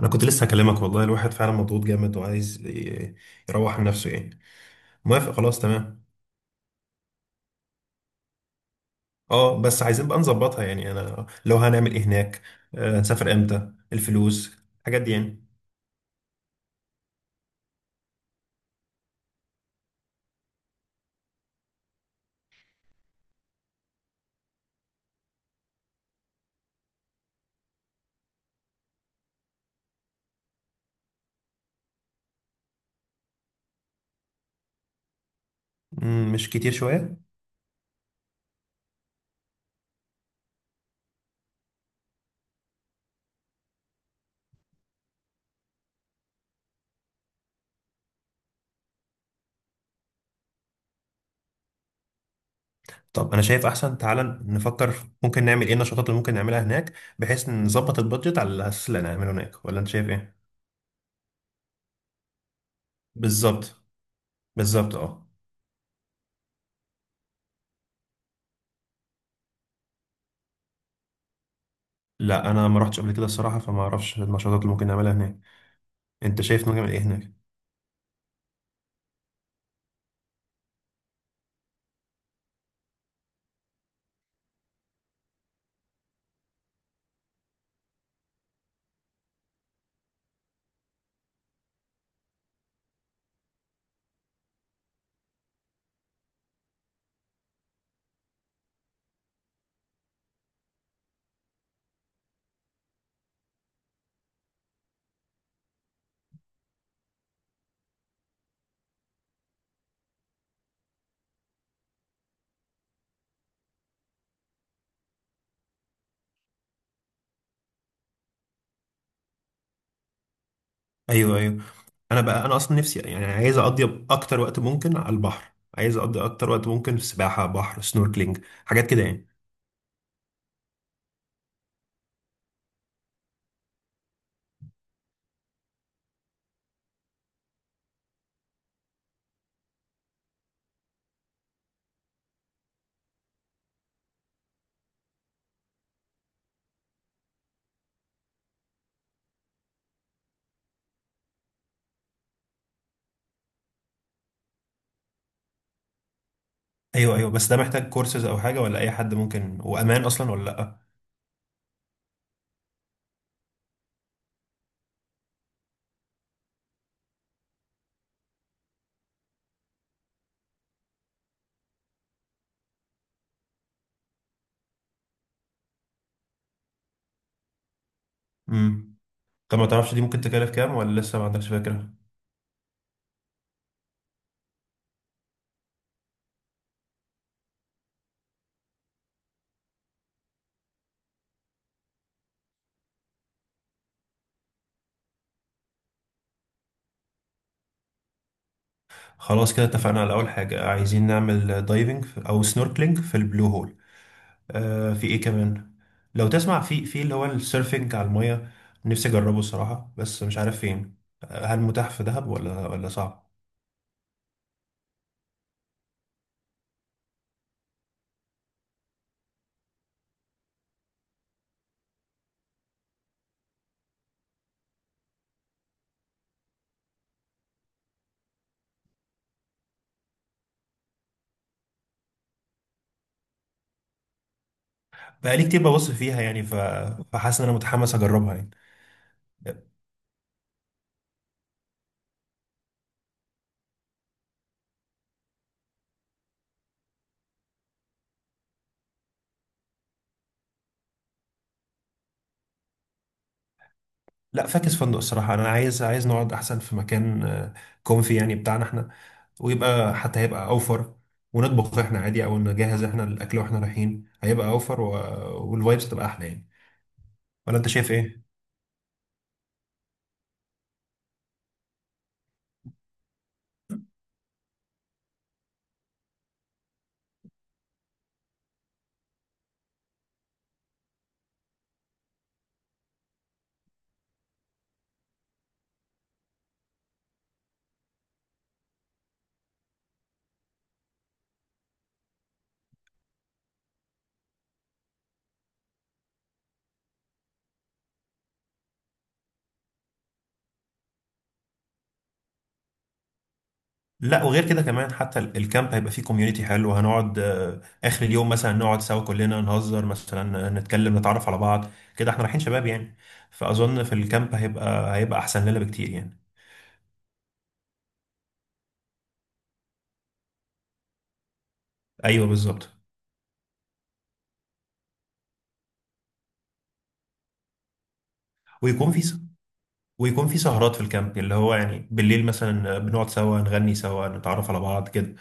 انا كنت لسه هكلمك والله. الواحد فعلا مضغوط جامد وعايز يروح من نفسه يعني. موافق، خلاص تمام. اه بس عايزين بقى نظبطها يعني. انا لو هنعمل ايه هناك، هنسافر امتى، الفلوس، الحاجات دي يعني. مش كتير شوية؟ طب انا شايف احسن تعالى نفكر في ممكن نعمل ايه، النشاطات اللي ممكن نعملها هناك، بحيث نظبط البادجت على الاساس اللي هنعمله هناك. ولا انت شايف ايه؟ بالظبط. بالظبط اه. لا انا ما رحتش قبل كده الصراحة، فما اعرفش النشاطات اللي ممكن نعملها هناك. انت شايف ممكن نعمل ايه هناك؟ ايوه، ايوه. انا بقى انا اصلا نفسي يعني عايز اقضي اكتر وقت ممكن على البحر، عايز اقضي اكتر وقت ممكن في سباحه، بحر، سنوركلينج، حاجات كده يعني. ايوه ايوه. بس ده محتاج كورسز او حاجه ولا اي حد ممكن وامان اصلا ولا لا؟ امم. طب ما تعرفش دي ممكن تكلف كام، ولا لسه ما عندكش فكره؟ خلاص كده اتفقنا على اول حاجه. عايزين نعمل دايفنج او سنوركلينج في البلو هول. آه، في ايه كمان؟ لو تسمع في اللي هو السيرفنج على الميه، نفسي اجربه الصراحه بس مش عارف فين. هل متاح في دهب ولا صعب؟ بقالي كتير ببص فيها يعني فحاسس ان انا متحمس اجربها يعني. لا، فاكس فندق الصراحه. انا عايز نقعد احسن في مكان كونفي يعني بتاعنا احنا، ويبقى حتى هيبقى اوفر. ونطبخ احنا عادي او نجهز احنا الاكل واحنا رايحين، هيبقى اوفر والفايبس تبقى احلى يعني. ولا انت شايف ايه؟ لا، وغير كده كمان، حتى الكامب هيبقى فيه كوميونيتي حلو. هنقعد اخر اليوم مثلا نقعد سوا كلنا، نهزر مثلا، نتكلم، نتعرف على بعض كده. احنا رايحين شباب يعني، فاظن في الكامب هيبقى احسن لنا بكتير يعني. ايوه بالظبط. ويكون في ويكون في سهرات في الكامب اللي هو يعني بالليل مثلا بنقعد سوا، نغني سوا، نتعرف على بعض كده.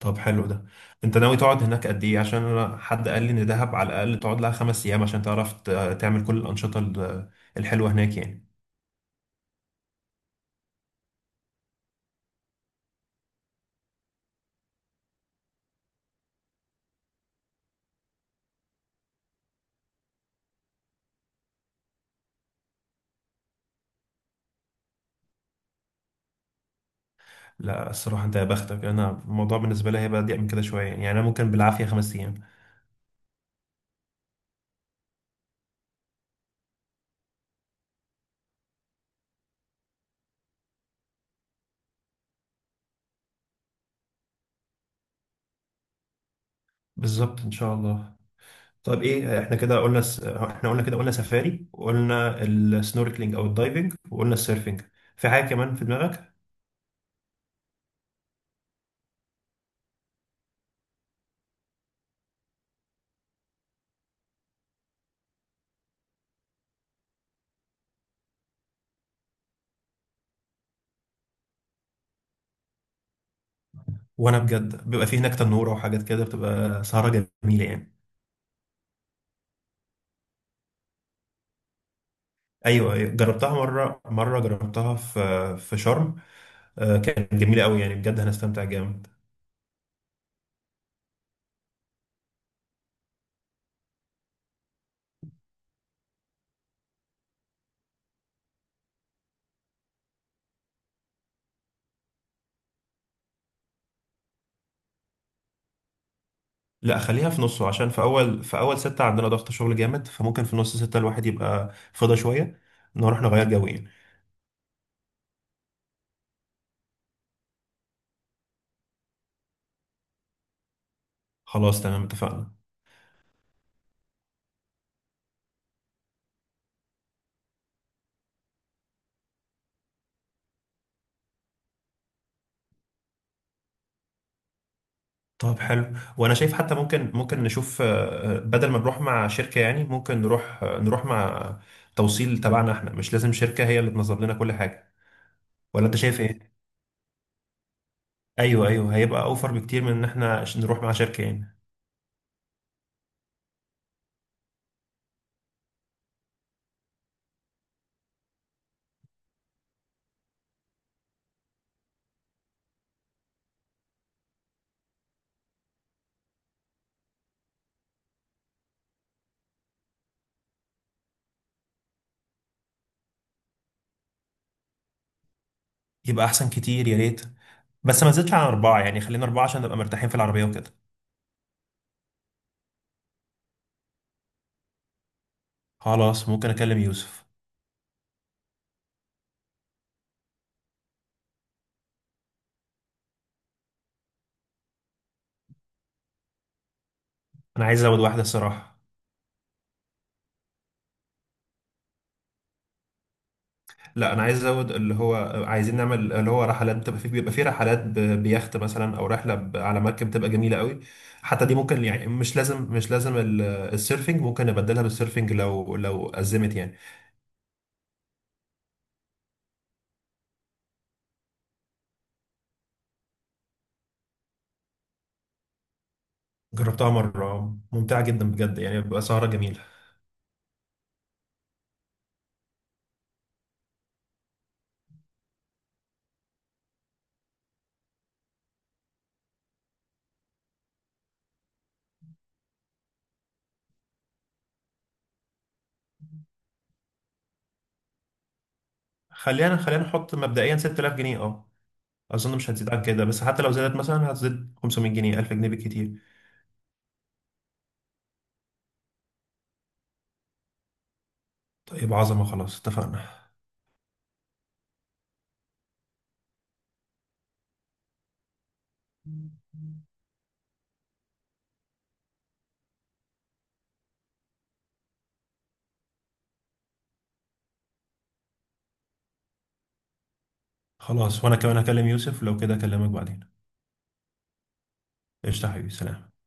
طب حلو ده. انت ناوي تقعد هناك قد ايه؟ عشان انا حد قال لي ان دهب على الاقل تقعد لها خمس ايام عشان تعرف تعمل كل الانشطه الحلوه هناك يعني. لا الصراحه انت يا بختك، انا الموضوع بالنسبه لي هيبقى ضيق من كده شويه يعني. انا ممكن بالعافيه خمس ايام. بالظبط ان شاء الله. طب ايه احنا كده قلنا س... احنا قلنا كده قلنا سفاري، وقلنا السنوركلينج او الدايفنج، وقلنا السيرفنج. في حاجه كمان في دماغك؟ وانا بجد بيبقى فيه هناك تنوره وحاجات كده، بتبقى سهره جميله يعني. ايوه أيوة، جربتها مره. جربتها في شرم. كانت جميله قوي يعني، بجد هنستمتع جامد. لا خليها في نصه، عشان في اول سته عندنا ضغط شغل جامد، فممكن في نص سته الواحد يبقى فضى شويه، نروح نغير جو يعني. خلاص تمام اتفقنا. طب حلو. وانا شايف حتى ممكن، ممكن نشوف بدل ما نروح مع شركه يعني، ممكن نروح مع توصيل تبعنا احنا، مش لازم شركه هي اللي تنظم لنا كل حاجه. ولا انت شايف ايه؟ ايوه ايوه، هيبقى اوفر بكتير من ان احنا عشان نروح مع شركه يعني. يبقى احسن كتير، يا ريت. بس ما نزلتش عن اربعه يعني، خلينا اربعه عشان نبقى مرتاحين في العربيه وكده. خلاص، ممكن اكلم يوسف. انا عايز ازود واحده الصراحه. لا انا عايز ازود اللي هو، عايزين نعمل اللي هو رحلات بتبقى فيه، بيبقى فيه رحلات بيخت مثلا، او رحله على مركب، بتبقى جميله قوي. حتى دي ممكن يعني، مش لازم السيرفنج، ممكن نبدلها بالسيرفنج لو ازمت يعني. جربتها مره ممتعه جدا بجد يعني، بيبقى سهره جميله. خلينا نحط مبدئيا 6000 جنيه اه. اظن مش هتزيد عن كده، بس حتى لو زادت مثلا هتزيد 500 جنيه، 1000 جنيه بالكتير. طيب عظمه، خلاص اتفقنا. خلاص وانا كمان هكلم يوسف، لو كده اكلمك بعدين. قشطه يا حبيبي، سلام.